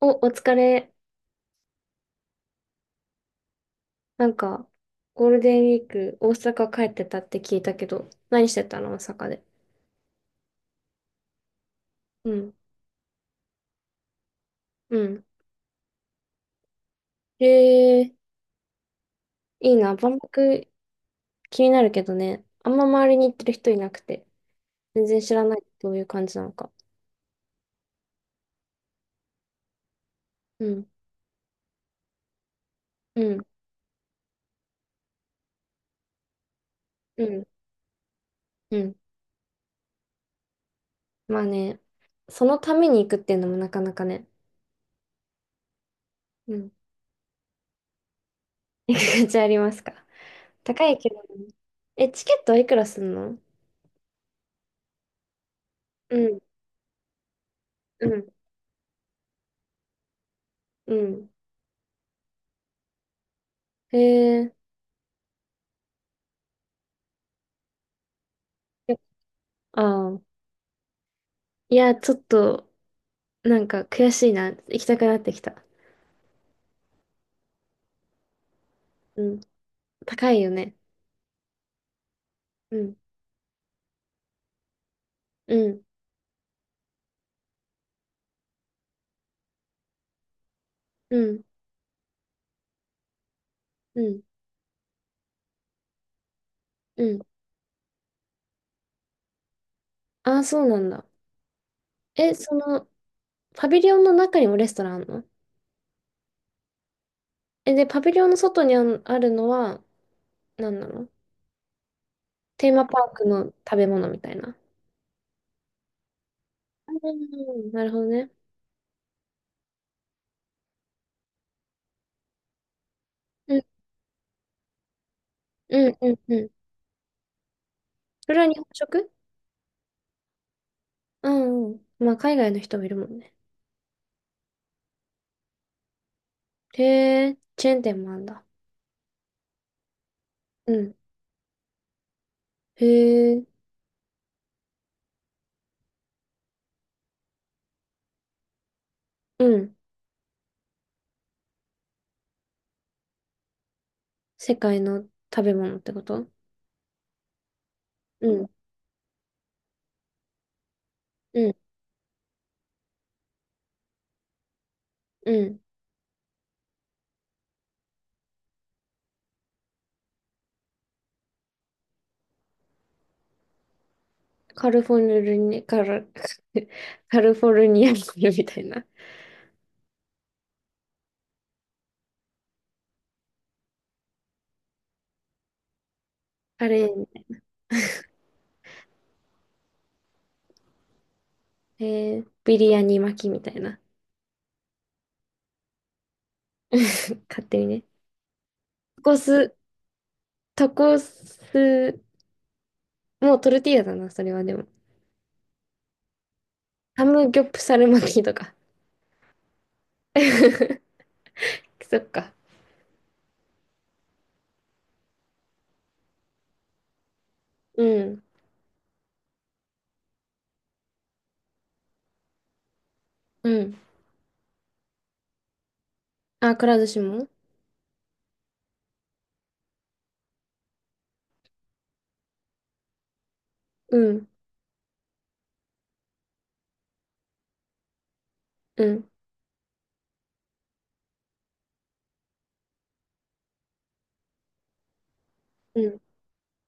お、お疲れ。なんか、ゴールデンウィーク、大阪帰ってたって聞いたけど、何してたの大阪で？うん。うん。へえ、いいな。万博気になるけどね。あんま周りに行ってる人いなくて、全然知らないどういう感じなのか。うん。うん。うん。うん。まあね、そのために行くっていうのもなかなかね。うん。行く価値ありますか？高いけどね。え、チケットはいくらすんの？うん。うん。うん。へえ。ああ。いや、ちょっと、なんか悔しいな。行きたくなってきた。うん。高いよね。うん。うん。うん。うん。うん。ああ、そうなんだ。え、その、パビリオンの中にもレストランあるの？え、で、パビリオンの外にあんあるのは、何なの？テーマパークの食べ物みたいな。うん。なるほどね。うん。うん。うん。うん。それは日本食？うんうん。まあ、海外の人もいるもんね。へえ、チェーン店もあんだ。うん。へえ、うん。世界の食べ物ってこと？うん、うん、うん。カルフォルニア、カル、カルフォルニアコール みたいな。あれ、えー、ビリヤニ巻きみたいな。勝手にね。タコス、タコス、もうトルティーヤだな、それはでも。ハムギョプサル巻きとか。そっか。うん、うん。あ、くら寿司も？うん、うん、うん。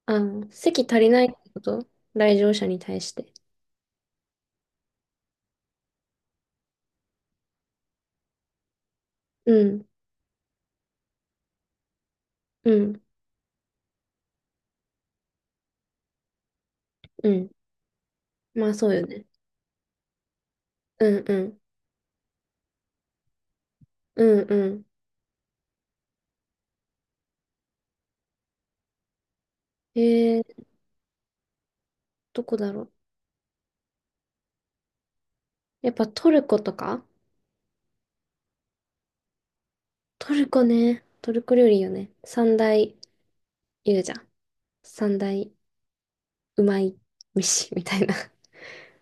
あ、席足りないってこと？来場者に対して。うん、うん、うん。まあそうよね。うん、うん。うんうん。えー、どこだろう。やっぱトルコとか？トルコね。トルコ料理よね。三大言うじゃん。三大うまい飯みたいな。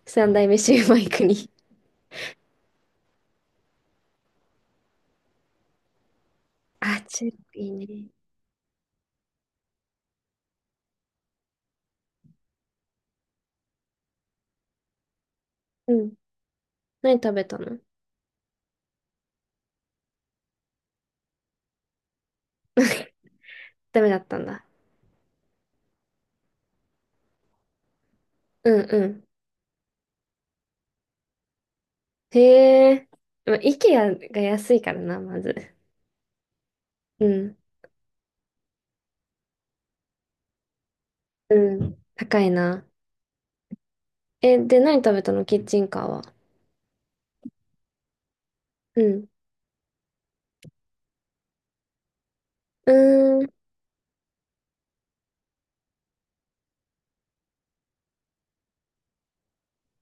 三大飯うまい国。あ、中国いいね。うん。何食べたの？ダメだったんだ。うんうん。へえ。まあ、イケアが安いからな、まず。うん。うん。高いな。え、で、何食べたのキッチンカーは？うん。うーん。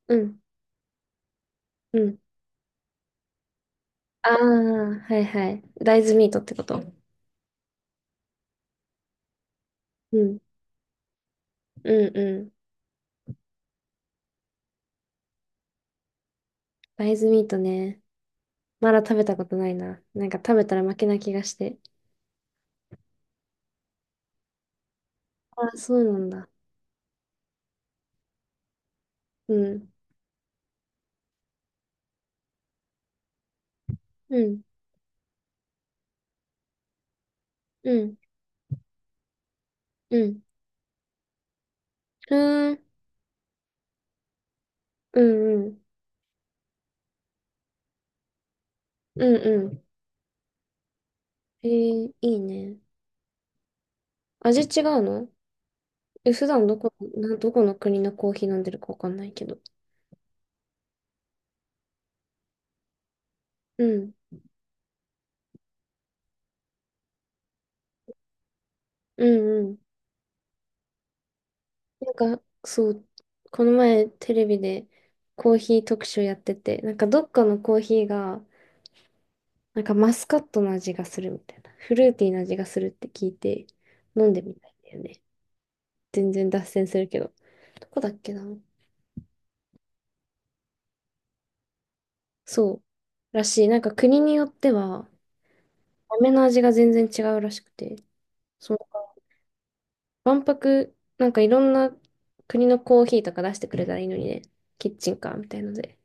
うん。うん。ああ、はいはい。大豆ミートってこと。うん。うんうん。大豆ミートね。まだ食べたことないな。なんか食べたら負けな気がして。ああ、そうなんだ。うん。うん。うん。うん。うーん。うんうん。うんうん。えー、いいね。味違うの？え、普段どこ、な、どこの国のコーヒー飲んでるかわかんないけど。うん。うんうん。そう、この前テレビでコーヒー特集やってて、なんかどっかのコーヒーが、なんかマスカットの味がするみたいな。フルーティーな味がするって聞いて飲んでみたいんだよね。全然脱線するけど。どこだっけな？そう。らしい。なんか国によっては、豆の味が全然違うらしくて。そう。万博、なんかいろんな国のコーヒーとか出してくれたらいいのにね。キッチンカーみたいので。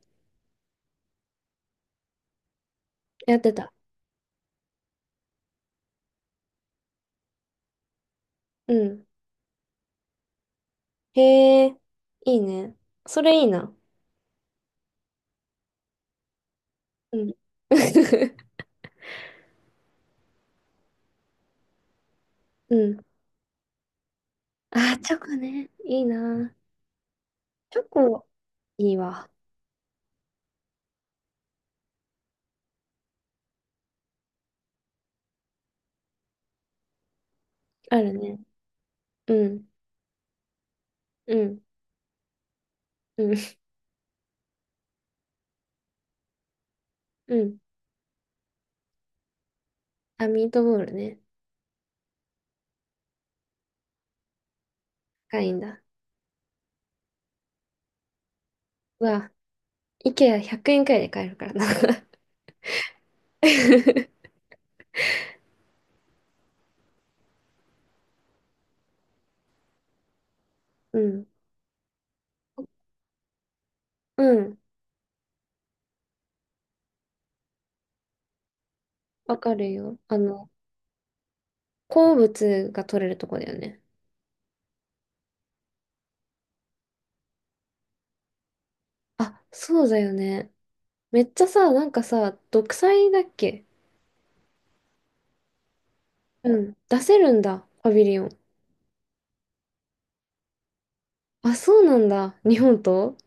やってた。うん。へえ、いいね。それいいな。うん。うん。あー、チョコね。いいな。チョコ、いいわ。あるね。うん、うん、うん、うん。あ、ミートボールね。高いんだ。うわ、イケア100円くえんくらいで買えるからな。うん、うん、わかるよ。あの、鉱物が取れるとこだよね。あ、そうだよね。めっちゃさ、なんかさ、独裁だっけ？うん、出せるんだ、パビリオン。あ、そうなんだ、日本と？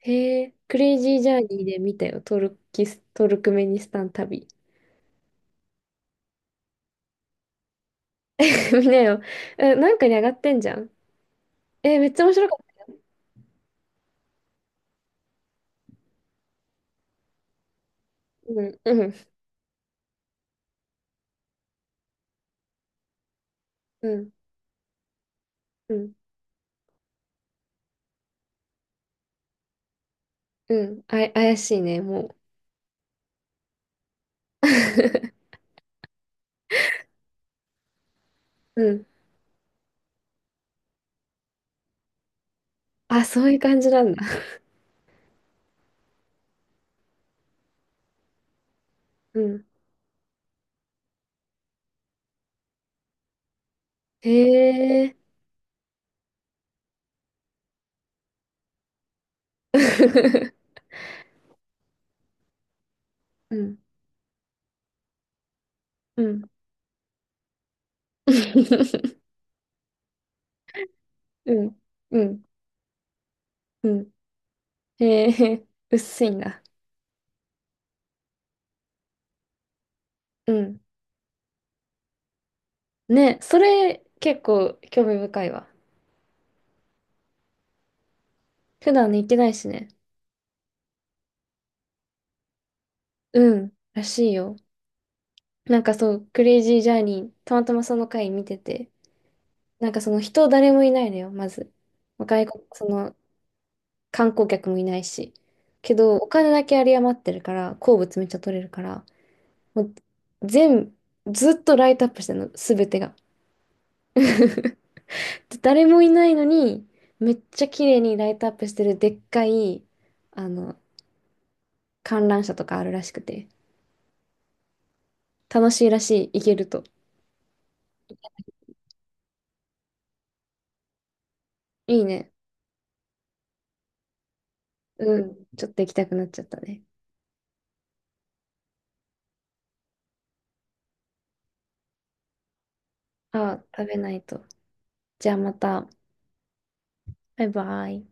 へえ、クレイジージャーニーで見たよ、トルキス、トルクメニスタン旅。見なよ。え、なんかに上がってんじゃん。え、めっちゃ面白かった。うん、うん、うん、うん、うん、あい、怪しいね、もう。うん。あ、そういう感じなんだ。うん。へえ。うん、うん。うん、うん、うん。へえ、薄いんだ。うん。ね、それ結構興味深いわ。普段ね、行ってないしね。うん、らしいよ。なんかそう、クレイジージャーニー、たまたまその回見てて、なんかその人誰もいないのよ、まず。外国、その観光客もいないし。けど、お金だけ有り余ってるから、鉱物めっちゃ取れるから、もう全、ずっとライトアップしてるの、すべてが。で誰もいないのに、めっちゃ綺麗にライトアップしてるでっかい、あの、観覧車とかあるらしくて、楽しいらしい、行けると。いいね。うん、ちょっと行きたくなっちゃったね。ああ、食べないと。じゃあまた、バイバイ。